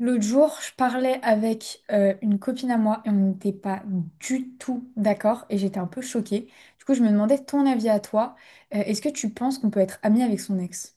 L'autre jour, je parlais avec une copine à moi et on n'était pas du tout d'accord et j'étais un peu choquée. Du coup, je me demandais ton avis à toi. Est-ce que tu penses qu'on peut être ami avec son ex?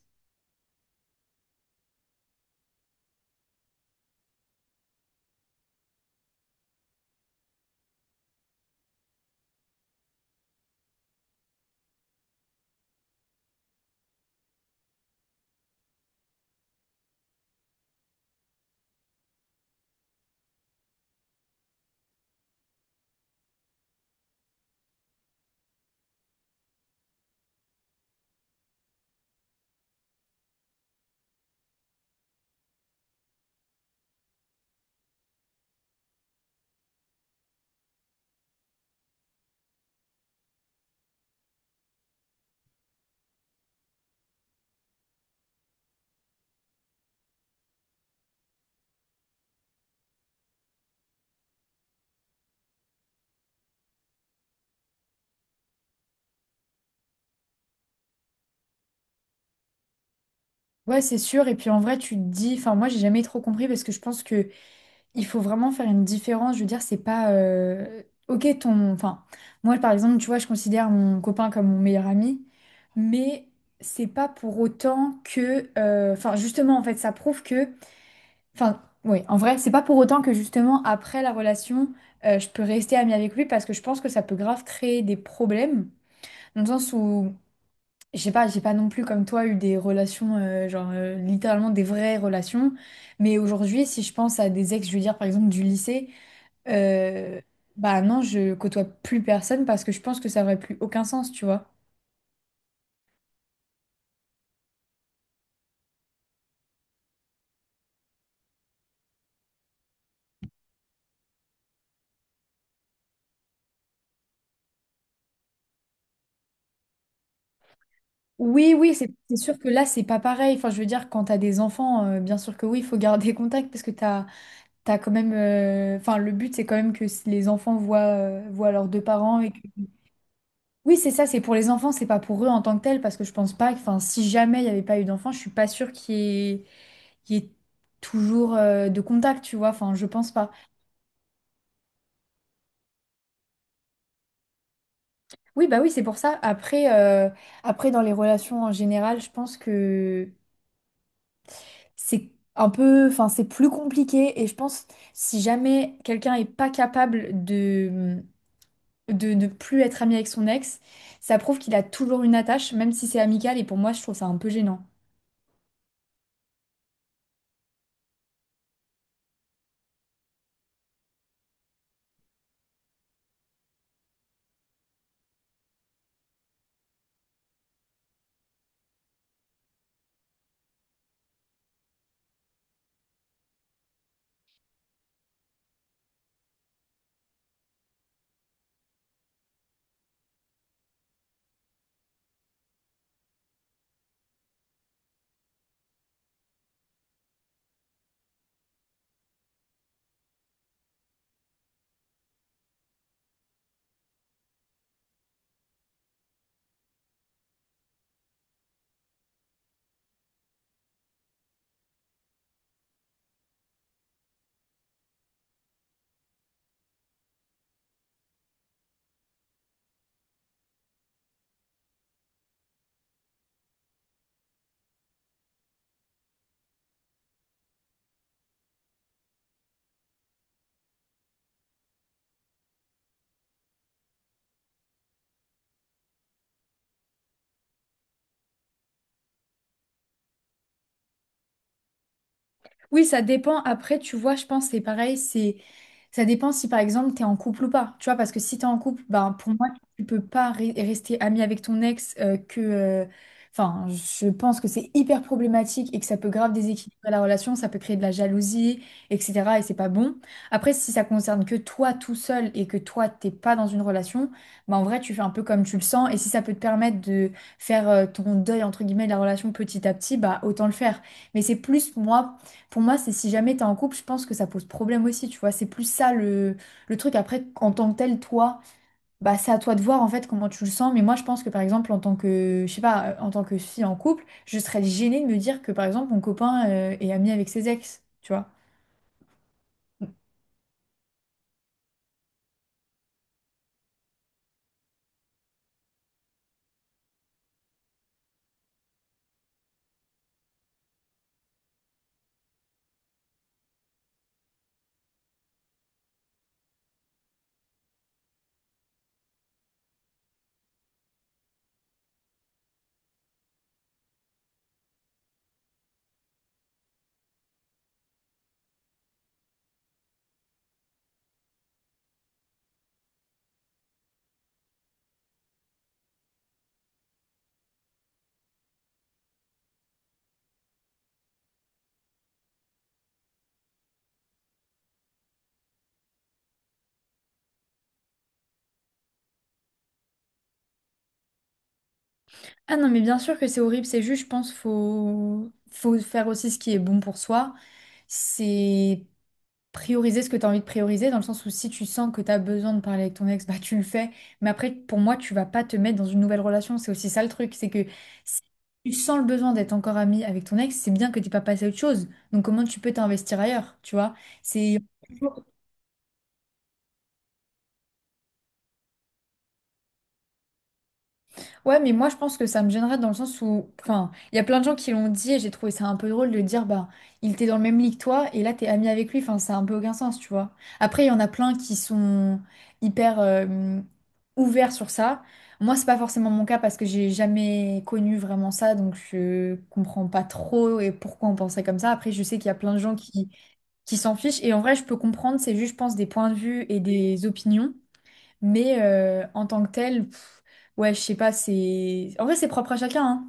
Ouais, c'est sûr. Et puis en vrai, tu te dis, enfin moi, j'ai jamais trop compris parce que je pense que il faut vraiment faire une différence. Je veux dire, c'est pas ok ton... Enfin, moi par exemple, tu vois, je considère mon copain comme mon meilleur ami, mais c'est pas pour autant que... Enfin, justement, en fait, ça prouve que... Enfin, oui, en vrai, c'est pas pour autant que justement après la relation, je peux rester amie avec lui parce que je pense que ça peut grave créer des problèmes. Dans le sens où, je sais pas, j'ai pas non plus comme toi eu des relations, genre littéralement des vraies relations. Mais aujourd'hui, si je pense à des ex, je veux dire par exemple du lycée, euh, bah non, je côtoie plus personne parce que je pense que ça aurait plus aucun sens, tu vois. Oui, oui, c'est sûr que là, c'est pas pareil. Enfin, je veux dire, quand t'as des enfants, bien sûr que oui, il faut garder contact parce que t'as t'as quand même, enfin, le but, c'est quand même que si les enfants voient, voient leurs deux parents et que... Oui, c'est ça, c'est pour les enfants, c'est pas pour eux en tant que tels, parce que je pense pas que, enfin, si jamais il n'y avait pas eu d'enfants, je suis pas sûre qu'il y ait toujours de contact, tu vois, enfin, je pense pas. Oui, bah oui, c'est pour ça. Après, après, dans les relations en général, je pense que c'est un peu, enfin, c'est plus compliqué, et je pense, si jamais quelqu'un est pas capable de ne plus être ami avec son ex, ça prouve qu'il a toujours une attache, même si c'est amical, et pour moi, je trouve ça un peu gênant. Oui, ça dépend. Après, tu vois, je pense que c'est pareil, c'est ça dépend si par exemple t'es en couple ou pas. Tu vois, parce que si t'es en couple, ben pour moi, tu peux pas rester ami avec ton ex que enfin, je pense que c'est hyper problématique et que ça peut grave déséquilibrer la relation, ça peut créer de la jalousie, etc. Et c'est pas bon. Après, si ça concerne que toi tout seul et que toi t'es pas dans une relation, ben en vrai, tu fais un peu comme tu le sens et si ça peut te permettre de faire ton deuil entre guillemets de la relation petit à petit, bah autant le faire. Mais c'est plus moi pour moi, c'est si jamais t'es en couple, je pense que ça pose problème aussi, tu vois. C'est plus ça le truc. Après, en tant que tel, toi, bah, c'est à toi de voir en fait comment tu le sens. Mais moi, je pense que par exemple, en tant que, je sais pas, en tant que fille en couple, je serais gênée de me dire que par exemple, mon copain est ami avec ses ex, tu vois. Ah non, mais bien sûr que c'est horrible, c'est juste, je pense, faut, faut faire aussi ce qui est bon pour soi. C'est prioriser ce que tu as envie de prioriser, dans le sens où si tu sens que tu as besoin de parler avec ton ex, bah tu le fais. Mais après, pour moi, tu vas pas te mettre dans une nouvelle relation. C'est aussi ça le truc, c'est que si tu sens le besoin d'être encore ami avec ton ex, c'est bien que tu pas passé à autre chose. Donc comment tu peux t'investir ailleurs, tu vois? C'est... Ouais, mais moi je pense que ça me gênerait dans le sens où, enfin, il y a plein de gens qui l'ont dit et j'ai trouvé ça un peu drôle de dire, bah, il était dans le même lit que toi et là t'es ami avec lui, enfin, ça a un peu aucun sens, tu vois. Après, il y en a plein qui sont hyper ouverts sur ça. Moi, c'est pas forcément mon cas parce que j'ai jamais connu vraiment ça, donc je comprends pas trop et pourquoi on pensait comme ça. Après, je sais qu'il y a plein de gens qui s'en fichent et en vrai, je peux comprendre, c'est juste, je pense, des points de vue et des opinions. Mais en tant que tel, ouais, je sais pas, c'est... En vrai, c'est propre à chacun, hein.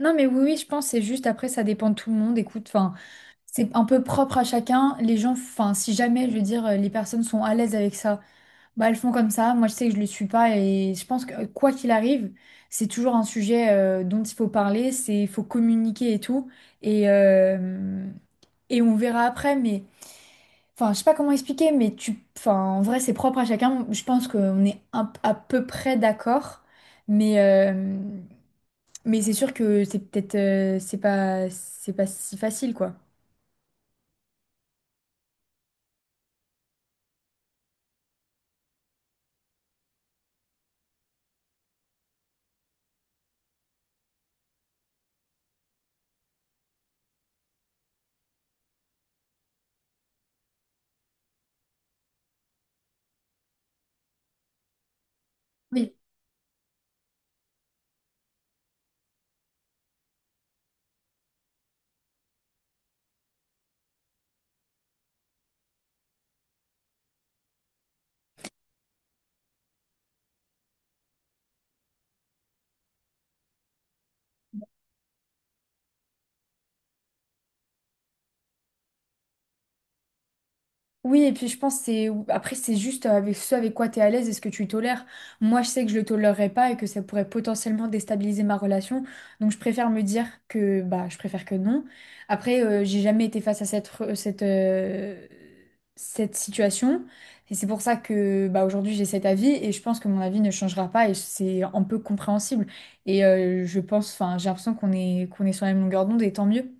Non, mais oui, oui, je pense, c'est juste, après, ça dépend de tout le monde, écoute, enfin, c'est un peu propre à chacun, les gens, enfin, si jamais, je veux dire, les personnes sont à l'aise avec ça. Bah, elles font comme ça. Moi, je sais que je le suis pas et je pense que quoi qu'il arrive, c'est toujours un sujet dont il faut parler, c'est il faut communiquer et tout. Et, euh, et on verra après, mais enfin, je sais pas comment expliquer, mais tu, enfin, en vrai, c'est propre à chacun. Je pense qu'on est à peu près d'accord, mais mais c'est sûr que c'est peut-être c'est pas si facile quoi. Oui. Oui, et puis je pense que c'est après c'est juste avec ce avec quoi tu es à l'aise et ce que tu tolères. Moi, je sais que je le tolérerais pas et que ça pourrait potentiellement déstabiliser ma relation. Donc je préfère me dire que bah je préfère que non. Après j'ai jamais été face à cette cette situation et c'est pour ça que bah aujourd'hui j'ai cet avis et je pense que mon avis ne changera pas et c'est un peu compréhensible. Et je pense enfin j'ai l'impression qu'on est sur la même longueur d'onde et tant mieux.